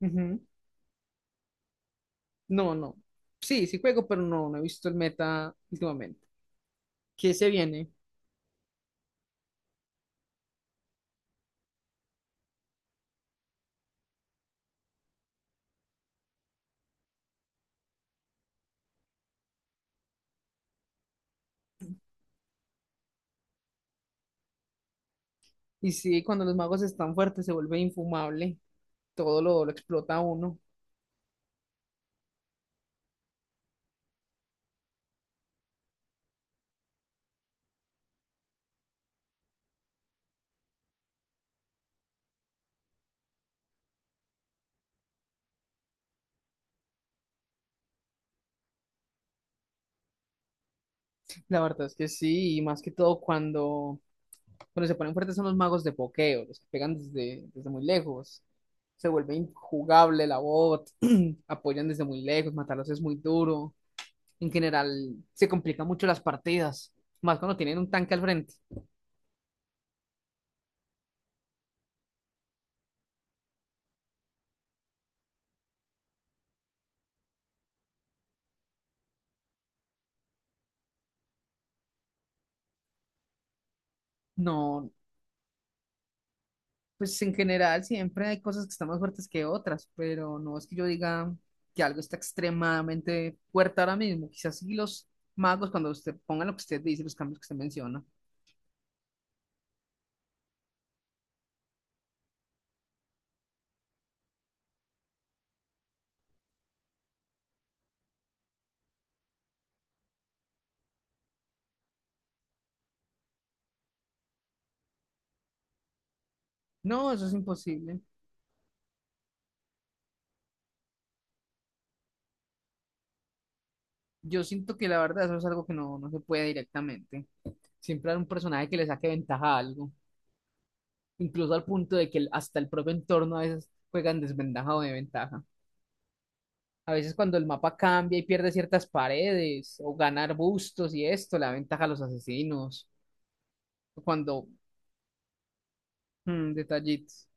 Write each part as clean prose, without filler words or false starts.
Ujú. No, no. Sí, sí juego, pero no he visto el meta últimamente. ¿Qué se viene? Y sí, cuando los magos están fuertes se vuelve infumable. Todo lo explota uno. La verdad es que sí, y más que todo cuando se ponen fuertes son los magos de pokeo, los que pegan desde muy lejos. Se vuelve injugable la bot, apoyan desde muy lejos, matarlos es muy duro. En general, se complican mucho las partidas, más cuando tienen un tanque al frente. No, pues en general siempre hay cosas que están más fuertes que otras, pero no es que yo diga que algo está extremadamente fuerte ahora mismo. Quizás sí los magos, cuando usted ponga lo que usted dice, los cambios que usted menciona. No, eso es imposible. Yo siento que la verdad eso es algo que no se puede directamente. Siempre hay un personaje que le saque ventaja a algo, incluso al punto de que hasta el propio entorno a veces juega en desventaja o de ventaja. A veces cuando el mapa cambia y pierde ciertas paredes o gana arbustos y esto, la ventaja a los asesinos cuando detallitos,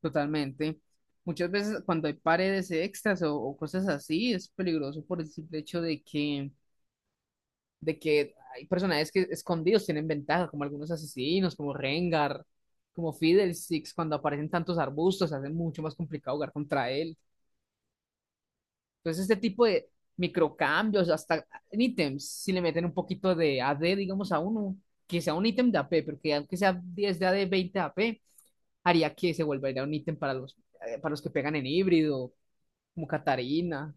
totalmente. Muchas veces cuando hay paredes extras o cosas así, es peligroso por el simple hecho de que hay personajes que escondidos tienen ventaja, como algunos asesinos, como Rengar, como Fiddlesticks, cuando aparecen tantos arbustos, hace mucho más complicado jugar contra él. Entonces, este tipo de microcambios, hasta en ítems, si le meten un poquito de AD, digamos, a uno, que sea un ítem de AP, pero que aunque sea 10 de AD, 20 de AP haría que se volviera un ítem para los que pegan en híbrido, como Catarina.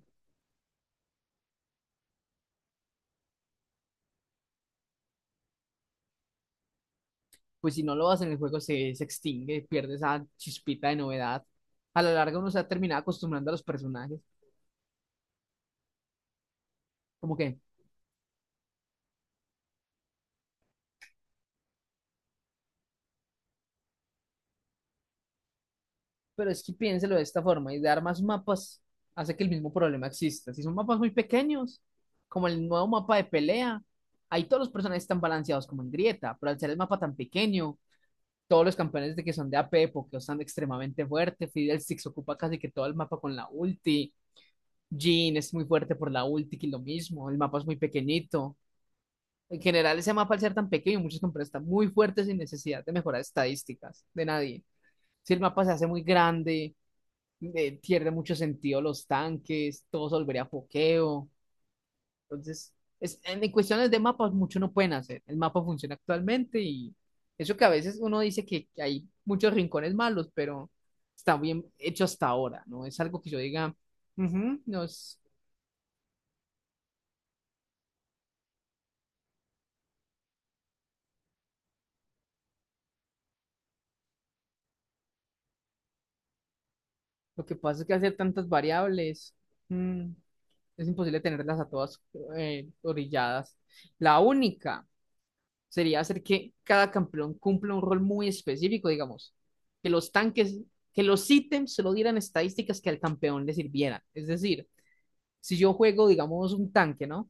Pues si no lo hacen, el juego se extingue, pierde esa chispita de novedad. A la larga uno se ha terminado acostumbrando a los personajes. Como que, pero es que piénselo de esta forma, y dar más mapas hace que el mismo problema exista. Si son mapas muy pequeños, como el nuevo mapa de pelea, ahí todos los personajes están balanceados como en grieta, pero al ser el mapa tan pequeño, todos los campeones de que son de AP, porque están extremadamente fuertes, Fiddlesticks ocupa casi que todo el mapa con la ulti, Jean es muy fuerte por la ulti, que lo mismo, el mapa es muy pequeñito. En general, ese mapa al ser tan pequeño, muchos campeones están muy fuertes sin necesidad de mejorar estadísticas de nadie. Si el mapa se hace muy grande, pierde mucho sentido los tanques, todo se volvería pokeo. Entonces, en cuestiones de mapas, mucho no pueden hacer. El mapa funciona actualmente y eso que a veces uno dice que hay muchos rincones malos, pero está bien hecho hasta ahora, ¿no? Es algo que yo diga, "Ujú, no es". Lo que pasa es que hacer tantas variables, mm, es imposible tenerlas a todas orilladas. La única sería hacer que cada campeón cumpla un rol muy específico, digamos, que los tanques, que los ítems solo dieran estadísticas que al campeón le sirvieran. Es decir, si yo juego, digamos, un tanque, ¿no?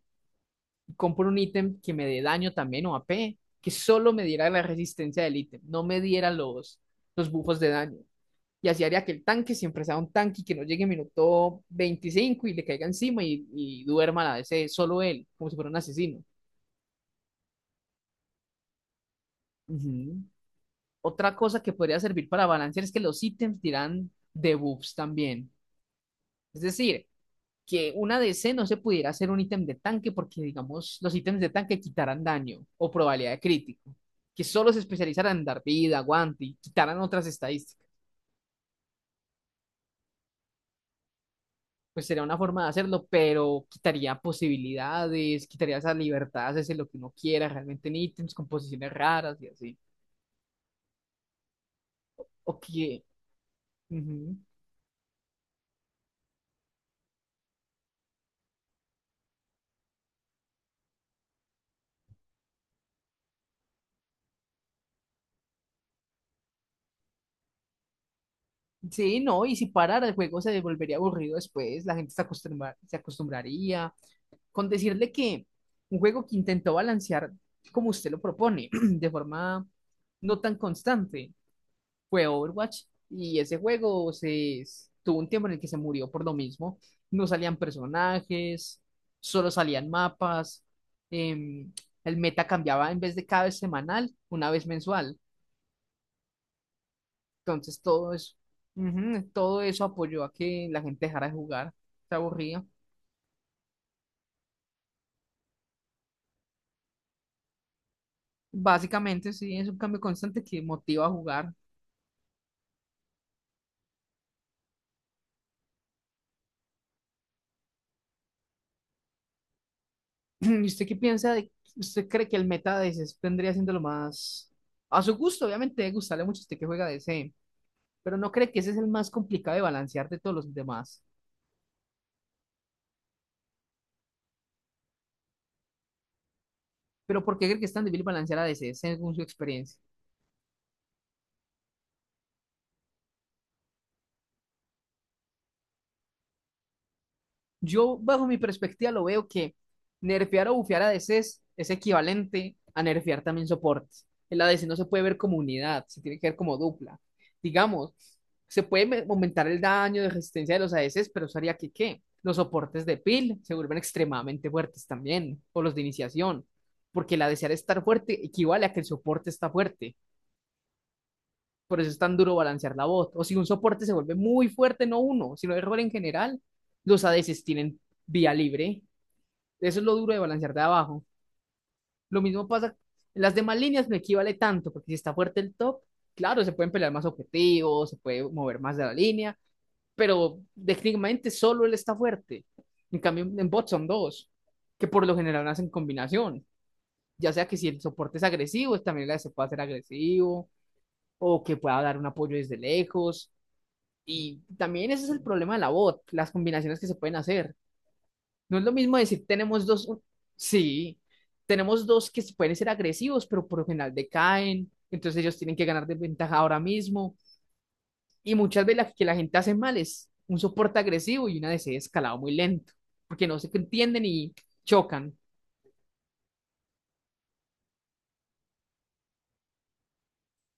Y compro un ítem que me dé daño también o AP, que solo me diera la resistencia del ítem, no me diera los buffos de daño y así haría que el tanque siempre sea un tanque y que no llegue el minuto 25 y le caiga encima y duerma la DC solo él, como si fuera un asesino. Ujú. Otra cosa que podría servir para balancear es que los ítems dirán debuffs también. Es decir, que una DC no se pudiera hacer un ítem de tanque porque, digamos, los ítems de tanque quitaran daño o probabilidad de crítico. Que solo se especializaran en dar vida, aguante y quitaran otras estadísticas. Pues sería una forma de hacerlo, pero quitaría posibilidades, quitaría esa libertad, hacerse lo que uno quiera realmente en ítems, composiciones raras y así. Ok. Ujú. Sí, no, y si parara el juego se volvería aburrido después, la gente se acostumbraría. Con decirle que un juego que intentó balancear como usted lo propone, de forma no tan constante, fue Overwatch y ese juego tuvo un tiempo en el que se murió por lo mismo. No salían personajes, solo salían mapas. em, el meta cambiaba en vez de cada vez semanal, una vez mensual. Entonces todo eso, ujú, todo eso apoyó a que la gente dejara de jugar. Se aburría. Básicamente, sí, es un cambio constante que motiva a jugar. ¿Y usted qué piensa de, usted cree que el meta de ese vendría siendo lo más a su gusto? Obviamente, debe gustarle mucho a usted que juega de ese. Pero ¿no cree que ese es el más complicado de balancear de todos los demás? Pero ¿por qué cree que es tan difícil balancear a DC según su experiencia? Yo, bajo mi perspectiva, lo veo que nerfear o bufear a DC es equivalente a nerfear también soportes. El ADC no se puede ver como unidad, se tiene que ver como dupla. Digamos, se puede aumentar el daño de resistencia de los ADCs, pero eso haría que, ¿qué? Los soportes de peel se vuelven extremadamente fuertes también, o los de iniciación, porque la desear estar fuerte equivale a que el soporte está fuerte. Por eso es tan duro balancear la bot. O si un soporte se vuelve muy fuerte, no uno, sino error en general, los ADCs tienen vía libre. Eso es lo duro de balancear de abajo. Lo mismo pasa en las demás líneas, no equivale tanto, porque si está fuerte el top, claro, se pueden pelear más objetivos, se puede mover más de la línea, pero técnicamente solo él está fuerte. En cambio, en bot son dos, que por lo general hacen combinación. Ya sea que si el soporte es agresivo, también la se puede hacer agresivo, o que pueda dar un apoyo desde lejos. Y también ese es el problema de la bot, las combinaciones que se pueden hacer. No es lo mismo decir tenemos dos, un- sí, tenemos dos que pueden ser agresivos, pero por lo general decaen, entonces ellos tienen que ganar de ventaja ahora mismo. Y muchas veces la que la gente hace mal es un soporte agresivo y una DC escalado muy lento, porque no se entienden y chocan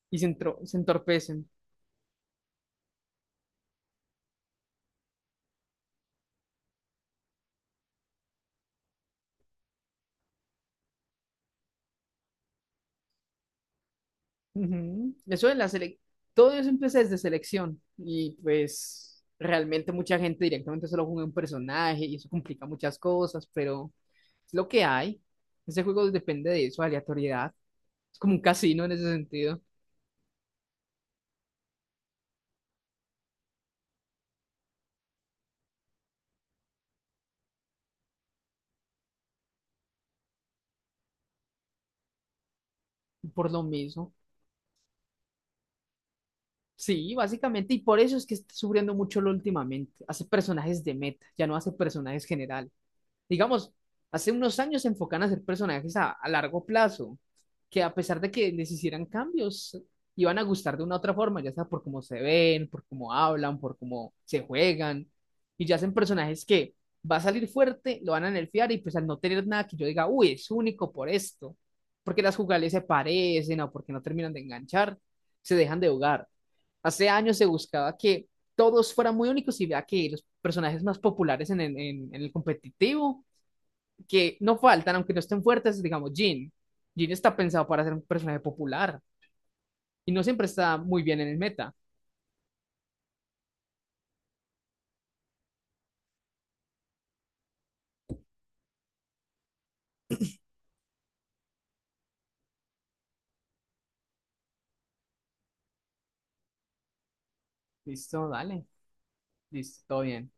y se, se entorpecen. Ujú. Eso de todo eso empieza desde selección y pues realmente mucha gente directamente solo juega un personaje y eso complica muchas cosas, pero es lo que hay. Ese juego depende de eso, aleatoriedad. Es como un casino en ese sentido, por lo mismo. Sí, básicamente, y por eso es que está sufriendo mucho lo últimamente. Hace personajes de meta, ya no hace personajes generales. Digamos, hace unos años se enfocan a hacer personajes a largo plazo, que a pesar de que les hicieran cambios, iban a gustar de una u otra forma, ya sea por cómo se ven, por cómo hablan, por cómo se juegan, y ya hacen personajes que va a salir fuerte, lo van a nerfear y pues al no tener nada que yo diga, uy, es único por esto, porque las jugales se parecen o porque no terminan de enganchar, se dejan de jugar. Hace años se buscaba que todos fueran muy únicos y vea que los personajes más populares en, en el competitivo que no faltan, aunque no estén fuertes, digamos, Jin. Jin está pensado para ser un personaje popular y no siempre está muy bien en el meta. Listo, dale. Listo, todo bien.